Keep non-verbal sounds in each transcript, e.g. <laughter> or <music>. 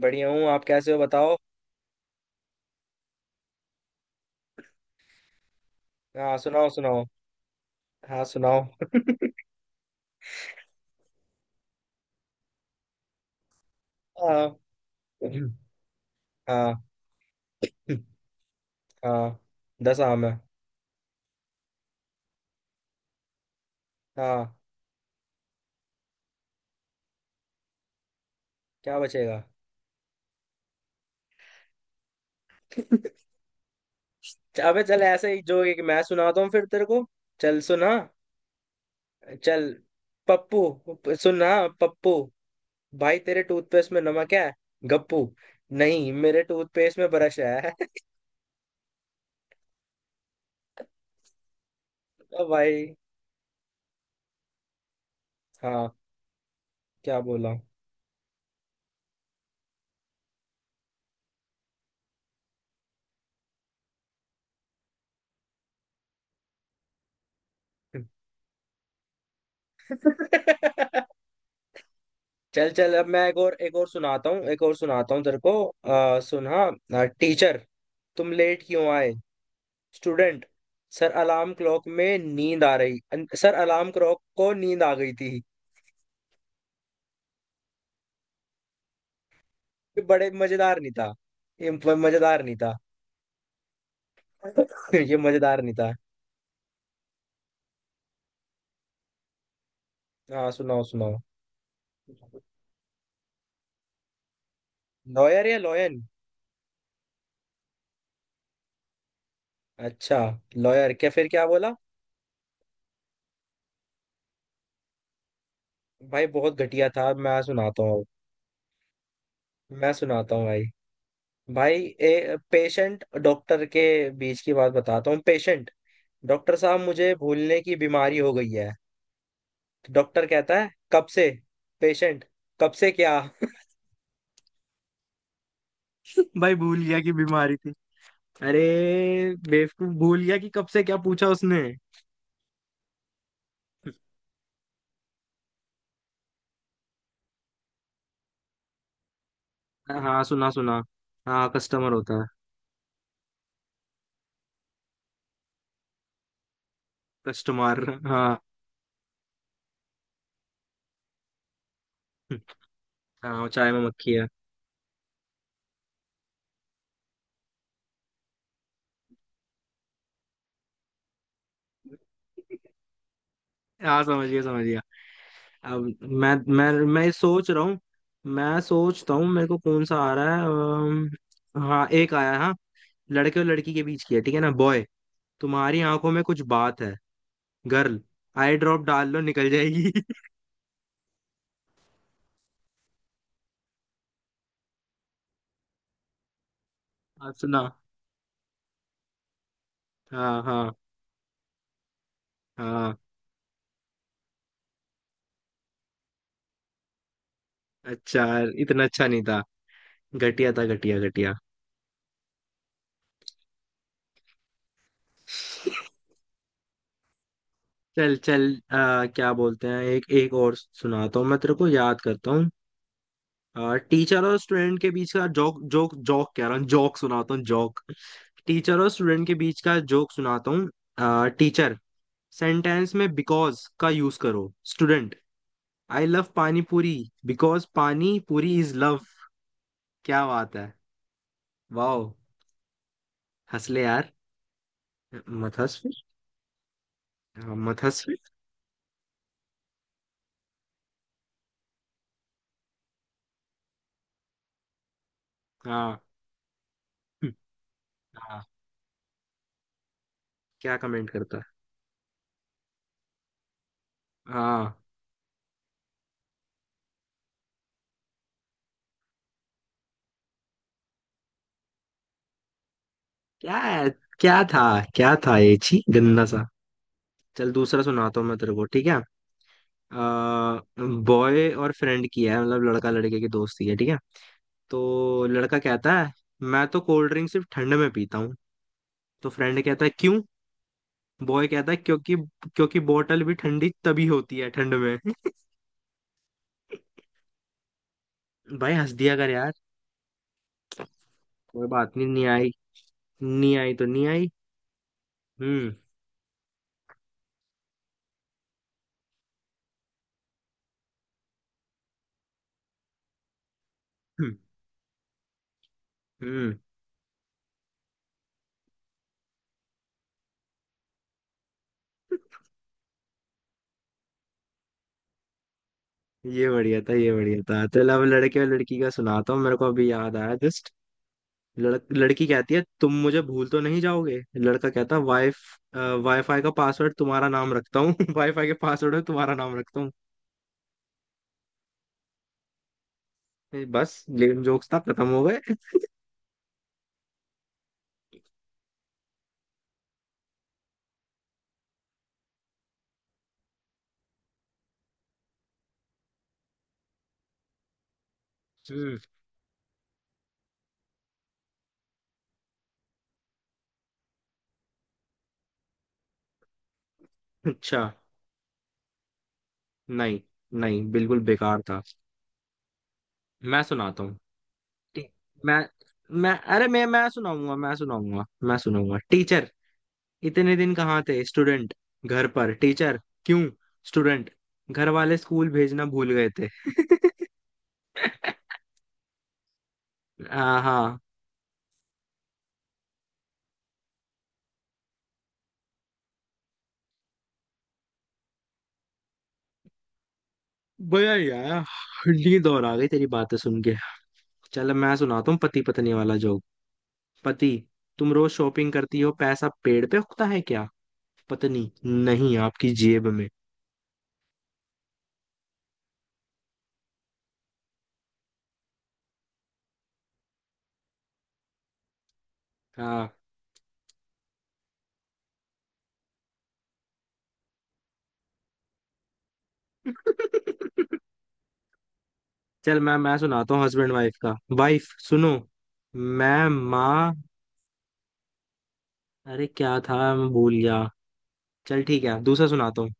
बढ़िया हूँ। आप कैसे हो बताओ। हाँ, सुनाओ सुनाओ। हाँ, सुनाओ। <laughs> हाँ हाँ हाँ। 10 आम है। हाँ। क्या बचेगा? <laughs> अबे चल, ऐसे ही जो एक मैं सुनाता हूँ फिर तेरे को। चल सुना। चल, पप्पू सुना। पप्पू भाई, तेरे टूथपेस्ट में नमक है। गप्पू, नहीं मेरे टूथपेस्ट में ब्रश है। <laughs> ओ भाई। हाँ, क्या बोला? <laughs> चल चल, अब मैं एक और सुनाता हूँ, एक और सुनाता हूँ तेरे को। सुना। टीचर, तुम लेट क्यों आए? स्टूडेंट, सर अलार्म क्लॉक में नींद आ रही सर अलार्म क्लॉक को नींद आ गई थी। ये बड़े मजेदार नहीं था। ये मजेदार नहीं था। <laughs> ये मजेदार नहीं था। हाँ, सुनाओ सुनाओ। लॉयर या लॉयन? अच्छा। लॉयर क्या? फिर क्या बोला? भाई बहुत घटिया था, मैं सुनाता हूँ अब। मैं सुनाता हूँ भाई। भाई, ए पेशेंट डॉक्टर के बीच की बात बताता हूँ। पेशेंट, डॉक्टर साहब मुझे भूलने की बीमारी हो गई है। तो डॉक्टर कहता है कब से। पेशेंट, कब से क्या? <laughs> भाई भूल गया कि बीमारी थी। अरे बेवकूफ, भूल गया कि कब से क्या पूछा उसने। हाँ, सुना सुना। हाँ, कस्टमर होता है। कस्टमर। हाँ, हाँ वो चाय में मक्खी है। हाँ, समझ गया समझ गया। अब मैं ये सोच रहा हूँ। मैं सोचता हूँ मेरे को कौन सा आ रहा है। हाँ, एक आया है, हाँ। लड़के और लड़की के बीच की है, ठीक है ना? बॉय, तुम्हारी आंखों में कुछ बात है। गर्ल, आई ड्रॉप डाल लो, निकल जाएगी। <laughs> आप सुना। हाँ हाँ हाँ। अच्छा। इतना अच्छा नहीं था। घटिया था, घटिया घटिया। चल चल, क्या बोलते हैं, एक एक और सुनाता हूँ, मैं तेरे को याद करता हूँ। टीचर और स्टूडेंट के बीच का जोक, जोक जोक कह रहा हूँ, जोक सुनाता हूँ जोक। टीचर और स्टूडेंट के बीच का जोक सुनाता हूँ। टीचर, सेंटेंस में बिकॉज का यूज करो। Student, I love pani puri, because पानी पूरी इज लव। क्या बात है! वाह! हंस ले यार। मत हंस फिर। हाँ, मत हंस फिर। हाँ। हम्म, हाँ। क्या कमेंट करता है? हाँ। क्या है? क्या था? क्या था? ये छी, गंदा सा। चल दूसरा सुनाता हूँ मैं तेरे को, ठीक है। बॉय और फ्रेंड की है, मतलब लड़का लड़के की दोस्ती है, ठीक है। तो लड़का कहता है मैं तो कोल्ड ड्रिंक सिर्फ ठंड में पीता हूँ। तो फ्रेंड कहता है क्यों। बॉय कहता है क्योंकि क्योंकि बोतल भी ठंडी तभी होती है ठंड में। <laughs> भाई हंस दिया कर यार। कोई बात नहीं, नहीं आई। नहीं आई तो नहीं आई। हम्म हम्म हम्म, ये बढ़िया था, ये बढ़िया था। चल अब लड़के और लड़की का सुनाता हूँ, मेरे को अभी याद आया जस्ट। लड़की कहती है तुम मुझे भूल तो नहीं जाओगे। लड़का कहता है वाई, वाईफाई का पासवर्ड तुम्हारा नाम रखता हूँ। <laughs> वाईफाई के पासवर्ड में तुम्हारा नाम रखता हूँ। ये बस लेम जोक्स था, खत्म हो गए। हम्म। अच्छा। नहीं, नहीं बिल्कुल बेकार था। मैं सुनाता हूँ। टी- मैं मैं अरे, मैं सुनाऊंगा, मैं सुनाऊंगा। मैं सुनाऊंगा। टीचर, इतने दिन कहाँ थे? स्टूडेंट, घर पर। टीचर, क्यों? स्टूडेंट, घर वाले स्कूल भेजना भूल गए थे। <laughs> हाँ हाँ। भैया यार, नींद और आ गई तेरी बातें सुन के। चल मैं सुनाता हूँ पति पत्नी वाला जोक। पति, तुम रोज शॉपिंग करती हो, पैसा पेड़ पे उगता है क्या? पत्नी, नहीं आपकी जेब में। हाँ। <laughs> चल मैं सुनाता हूँ हस्बैंड वाइफ का, वाइफ सुनो। मैं माँ। अरे क्या था, मैं भूल गया। चल ठीक है दूसरा सुनाता हूँ।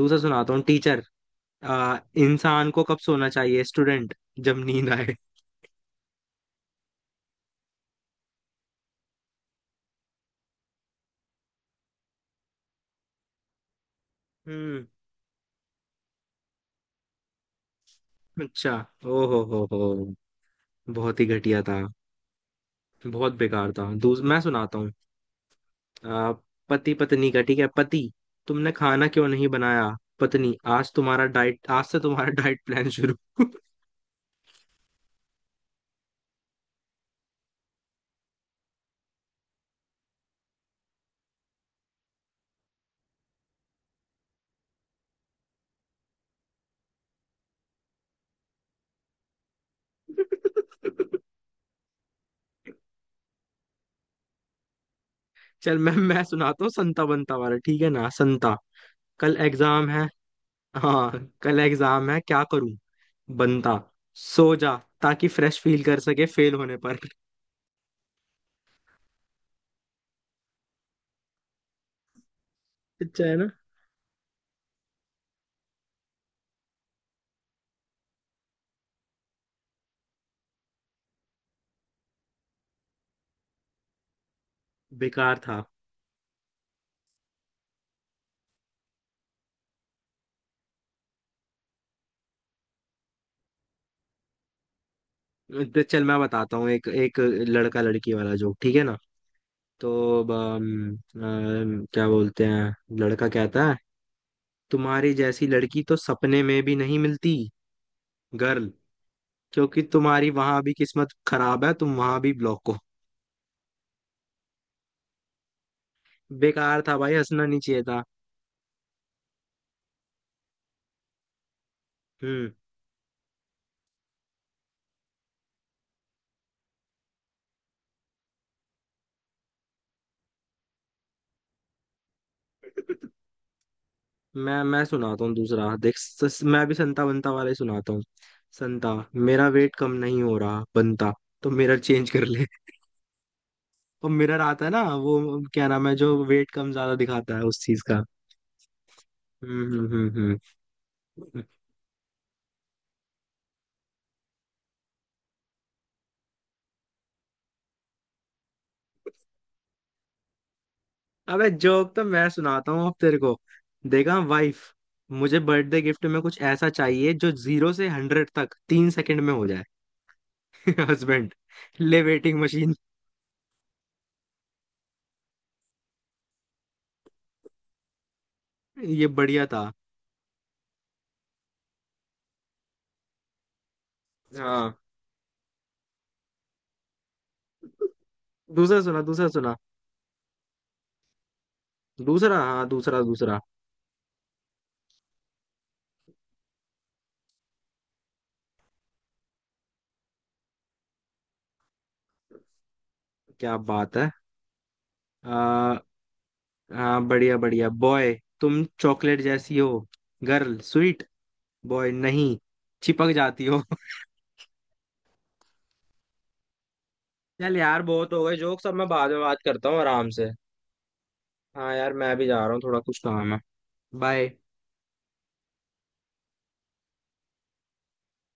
दूसरा सुनाता हूँ। टीचर, इंसान को कब सोना चाहिए? स्टूडेंट, जब नींद आए। हम्म। अच्छा। ओ हो हो। बहुत ही घटिया था। बहुत बेकार था, दूस मैं सुनाता हूँ। आ, पति पत्नी का, ठीक है। पति, तुमने खाना क्यों नहीं बनाया? पत्नी, आज तुम्हारा डाइट आज से तुम्हारा डाइट प्लान शुरू। <laughs> चल मैं सुनाता हूँ संता बनता वाला, ठीक है ना। संता, कल एग्जाम है। हाँ, कल एग्जाम है, क्या करूं। बनता, सो जा, ताकि फ्रेश फील कर सके फेल होने पर। अच्छा है ना। बेकार था। तो चल मैं बताता हूँ एक एक लड़का लड़की वाला जोक, ठीक है ना। तो अब, अम, अम, क्या बोलते हैं। लड़का कहता है तुम्हारी जैसी लड़की तो सपने में भी नहीं मिलती। गर्ल, क्योंकि तुम्हारी वहां भी किस्मत खराब है, तुम वहां भी ब्लॉक हो। बेकार था भाई, हंसना नहीं चाहिए था। हम्म। मैं सुनाता हूँ दूसरा, देख मैं भी संता बनता वाला ही सुनाता हूँ। संता, मेरा वेट कम नहीं हो रहा। बनता, तो मिरर चेंज कर ले। <laughs> और मिरर आता है ना, वो क्या नाम है जो वेट कम ज्यादा दिखाता है उस चीज का। हम्म हम्म हम्म हम्म। अबे जोक तो मैं सुनाता हूँ अब तेरे को। देखा वाइफ, मुझे बर्थडे गिफ्ट में कुछ ऐसा चाहिए जो 0 से 100 तक 3 सेकंड में हो जाए। <laughs> हस्बैंड, ले वेटिंग मशीन। ये बढ़िया था। हाँ दूसरा सुना, दूसरा सुना। दूसरा? हाँ दूसरा दूसरा। क्या बात है। आ, हाँ बढ़िया बढ़िया। बॉय, तुम चॉकलेट जैसी हो। Girl, sweet. बॉय, नहीं चिपक जाती हो। <laughs> चल यार बहुत हो गए जोक, सब मैं बाद में बात करता हूँ आराम से। हाँ यार, मैं अभी जा रहा हूँ, थोड़ा कुछ काम है। बाय।